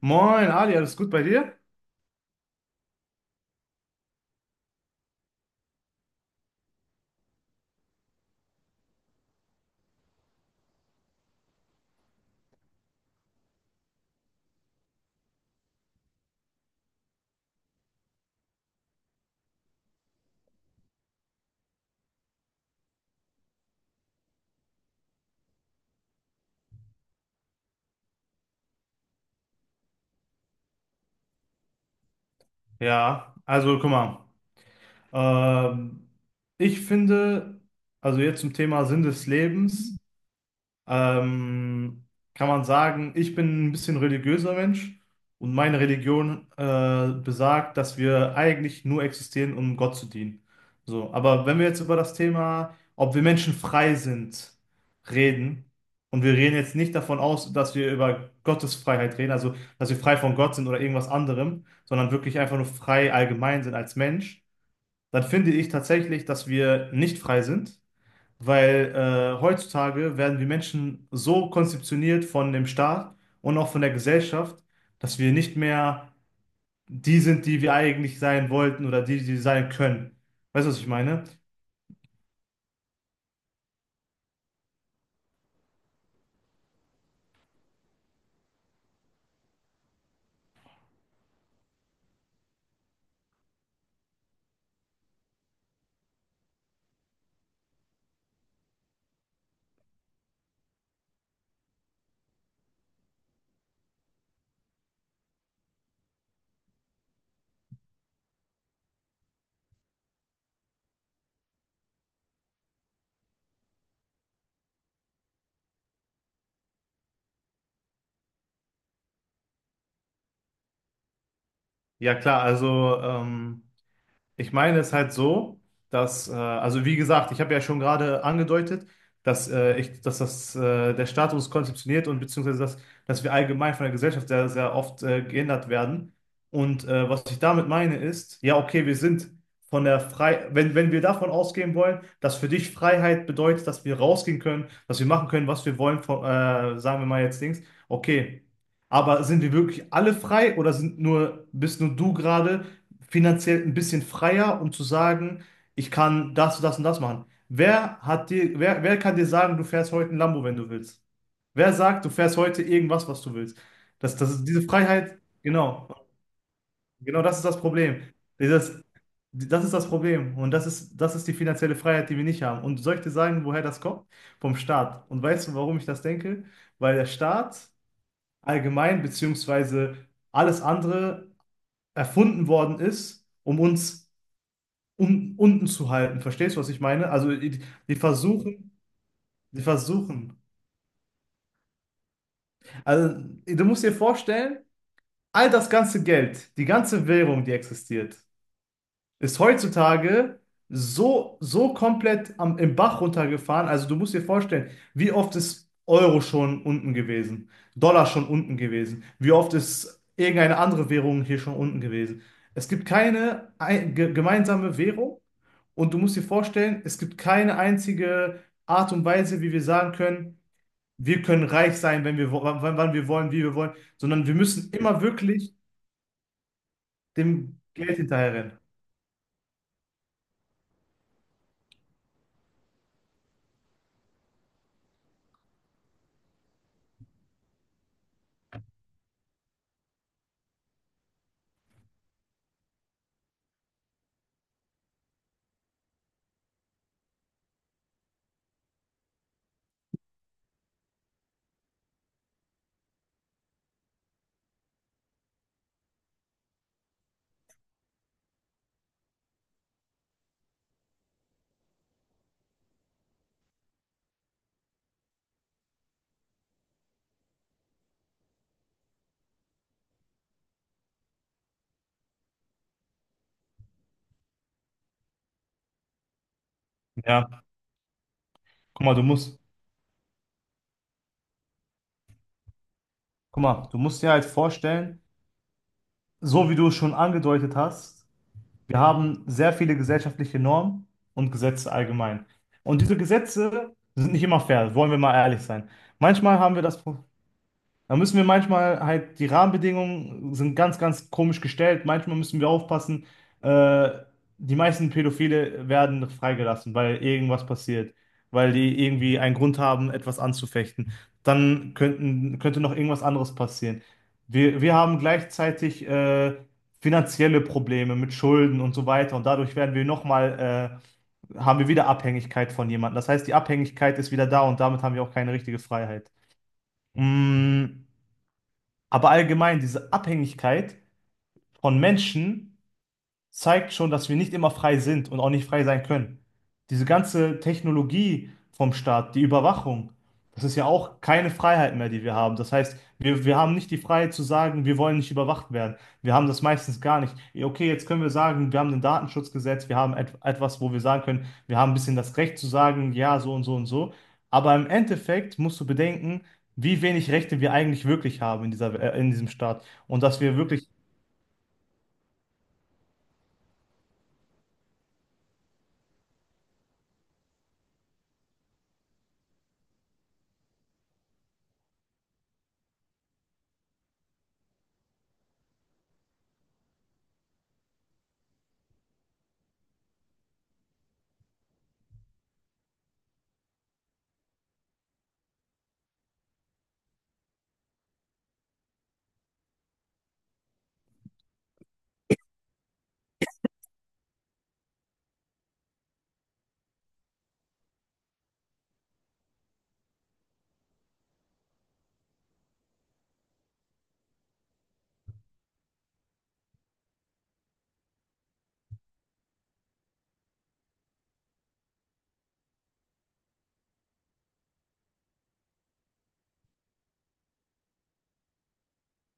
Moin, Adi, alles gut bei dir? Ja, also guck mal. Ähm, ich finde, also jetzt zum Thema Sinn des Lebens. ähm, Kann man sagen, ich bin ein bisschen religiöser Mensch und meine Religion besagt, dass wir eigentlich nur existieren, um Gott zu dienen. So, aber wenn wir jetzt über das Thema, ob wir Menschen frei sind, reden, und wir reden jetzt nicht davon aus, dass wir über Gottes Freiheit reden, also dass wir frei von Gott sind oder irgendwas anderem, sondern wirklich einfach nur frei allgemein sind als Mensch, dann finde ich tatsächlich, dass wir nicht frei sind. Weil heutzutage werden wir Menschen so konzeptioniert von dem Staat und auch von der Gesellschaft, dass wir nicht mehr die sind, die wir eigentlich sein wollten oder die, die wir sein können. Weißt du, was ich meine? Ja, klar, also ich meine es halt so, dass, also wie gesagt, ich habe ja schon gerade angedeutet, dass, dass das, der Status konzeptioniert und beziehungsweise dass wir allgemein von der Gesellschaft sehr, sehr oft geändert werden. Und was ich damit meine ist, ja, okay, wir sind von der Frei, wenn wir davon ausgehen wollen, dass für dich Freiheit bedeutet, dass wir rausgehen können, dass wir machen können, was wir wollen, von, sagen wir mal jetzt Dings, okay. Aber sind wir wirklich alle frei oder sind bist nur du gerade finanziell ein bisschen freier, um zu sagen, ich kann das, das und das machen. Wer hat wer kann dir sagen, du fährst heute ein Lambo, wenn du willst? Wer sagt, du fährst heute irgendwas, was du willst? Das ist diese Freiheit, genau, genau das ist das Problem. Dieses, Das ist das Problem und das ist die finanzielle Freiheit, die wir nicht haben. Und soll ich dir sagen, woher das kommt? Vom Staat. Und weißt du, warum ich das denke? Weil der Staat allgemein, beziehungsweise alles andere erfunden worden ist, um uns un unten zu halten. Verstehst du, was ich meine? Also die versuchen, die versuchen. Also du musst dir vorstellen, all das ganze Geld, die ganze Währung, die existiert, ist heutzutage so komplett im Bach runtergefahren. Also du musst dir vorstellen, wie oft ist Euro schon unten gewesen, Dollar schon unten gewesen, wie oft ist irgendeine andere Währung hier schon unten gewesen. Es gibt keine ein, ge gemeinsame Währung und du musst dir vorstellen, es gibt keine einzige Art und Weise, wie wir sagen können, wir können reich sein, wenn wir, wo- wann, wann wir wollen, wie wir wollen, sondern wir müssen immer wirklich dem Geld hinterherrennen. Ja, guck mal, du musst. Guck mal, du musst dir halt vorstellen, so wie du es schon angedeutet hast, wir haben sehr viele gesellschaftliche Normen und Gesetze allgemein. Und diese Gesetze sind nicht immer fair, wollen wir mal ehrlich sein. Manchmal haben wir das Da müssen wir die Rahmenbedingungen sind ganz, ganz komisch gestellt. Manchmal müssen wir aufpassen. Äh, Die meisten Pädophile werden freigelassen, weil irgendwas passiert, weil die irgendwie einen Grund haben, etwas anzufechten. Könnte noch irgendwas anderes passieren. Wir haben gleichzeitig finanzielle Probleme mit Schulden und so weiter. Und dadurch werden wir haben wir wieder Abhängigkeit von jemandem. Das heißt, die Abhängigkeit ist wieder da und damit haben wir auch keine richtige Freiheit. Mm. Aber allgemein diese Abhängigkeit von Menschen zeigt schon, dass wir nicht immer frei sind und auch nicht frei sein können. Diese ganze Technologie vom Staat, die Überwachung, das ist ja auch keine Freiheit mehr, die wir haben. Das heißt, wir haben nicht die Freiheit zu sagen, wir wollen nicht überwacht werden. Wir haben das meistens gar nicht. Ja, okay, jetzt können wir sagen, wir haben ein Datenschutzgesetz, wir haben et etwas, wo wir sagen können, wir haben ein bisschen das Recht zu sagen, ja, so und so und so. Aber im Endeffekt musst du bedenken, wie wenig Rechte wir eigentlich wirklich haben in in diesem Staat. Und dass wir wirklich,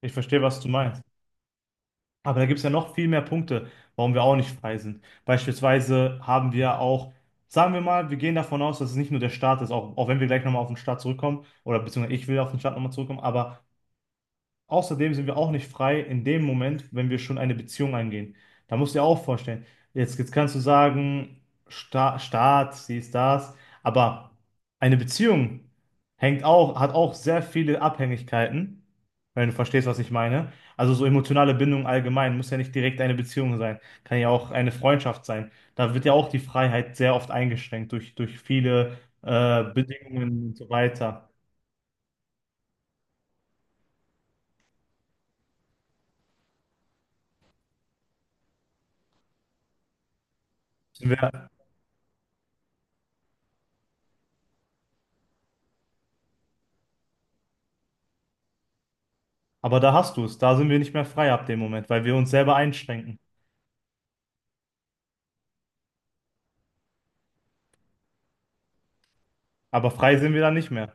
ich verstehe, was du meinst. Aber da gibt es ja noch viel mehr Punkte, warum wir auch nicht frei sind. Beispielsweise haben wir auch, sagen wir mal, wir gehen davon aus, dass es nicht nur der Staat ist, auch wenn wir gleich nochmal auf den Staat zurückkommen, oder beziehungsweise ich will auf den Staat nochmal zurückkommen, aber außerdem sind wir auch nicht frei in dem Moment, wenn wir schon eine Beziehung eingehen. Da musst du dir auch vorstellen. Jetzt kannst du sagen, Staat, sie das, aber eine Beziehung hat auch sehr viele Abhängigkeiten, wenn du verstehst, was ich meine. Also so emotionale Bindung allgemein muss ja nicht direkt eine Beziehung sein, kann ja auch eine Freundschaft sein. Da wird ja auch die Freiheit sehr oft eingeschränkt durch viele Bedingungen und so weiter. Aber da hast du es. Da sind wir nicht mehr frei ab dem Moment, weil wir uns selber einschränken. Aber frei sind wir dann nicht mehr.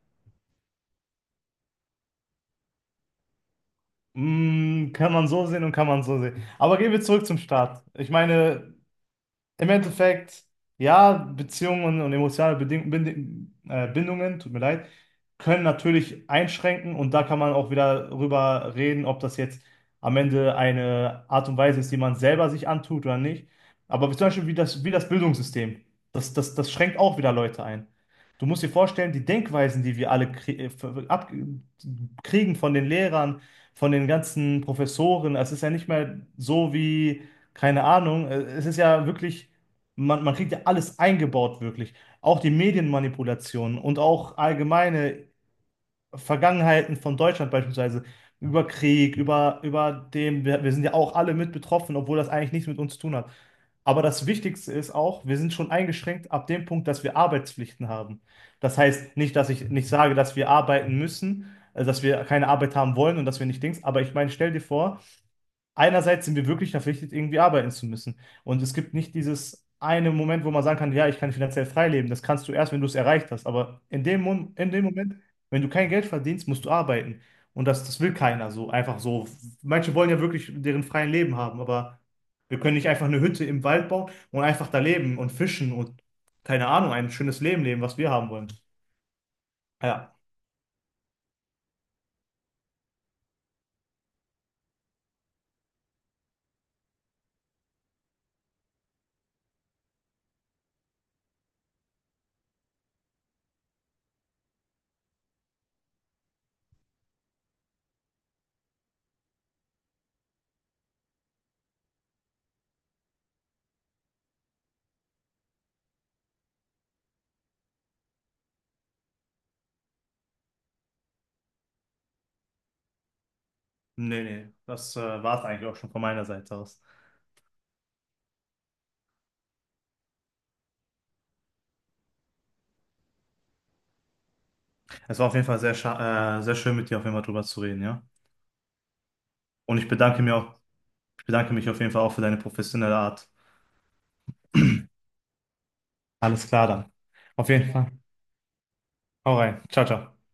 Mm, kann man so sehen und kann man so sehen. Aber gehen wir zurück zum Start. Im Endeffekt, ja, Beziehungen und emotionale Beding Bind Bindungen, tut mir leid, können natürlich einschränken und da kann man auch wieder drüber reden, ob das jetzt am Ende eine Art und Weise ist, die man selber sich antut oder nicht. Aber zum Beispiel wie das Bildungssystem, das schränkt auch wieder Leute ein. Du musst dir vorstellen, die Denkweisen, die wir alle krie ver- ab kriegen von den Lehrern, von den ganzen Professoren, es ist ja nicht mehr so wie, keine Ahnung, es ist ja wirklich. Man kriegt ja alles eingebaut, wirklich. Auch die Medienmanipulationen und auch allgemeine Vergangenheiten von Deutschland beispielsweise über Krieg, über dem, wir sind ja auch alle mit betroffen, obwohl das eigentlich nichts mit uns zu tun hat. Aber das Wichtigste ist auch, wir sind schon eingeschränkt ab dem Punkt, dass wir Arbeitspflichten haben. Das heißt nicht, dass ich nicht sage, dass wir arbeiten müssen, dass wir keine Arbeit haben wollen und dass wir nicht Dings, aber ich meine, stell dir vor, einerseits sind wir wirklich verpflichtet, irgendwie arbeiten zu müssen. Und es gibt nicht dieses eine Moment, wo man sagen kann, ja, ich kann finanziell frei leben. Das kannst du erst, wenn du es erreicht hast. Aber in in dem Moment, wenn du kein Geld verdienst, musst du arbeiten. Und das will keiner so, einfach so. Manche wollen ja wirklich deren freien Leben haben, aber wir können nicht einfach eine Hütte im Wald bauen und einfach da leben und fischen und keine Ahnung, ein schönes Leben leben, was wir haben wollen. Ja, nee, nee, das war es eigentlich auch schon von meiner Seite aus. Es war auf jeden Fall sehr schön, mit dir auf jeden Fall drüber zu reden, ja. Und ich bedanke mich auf jeden Fall auch für deine professionelle Art. Alles klar dann. Auf jeden Fall. Hau rein. Ciao, ciao.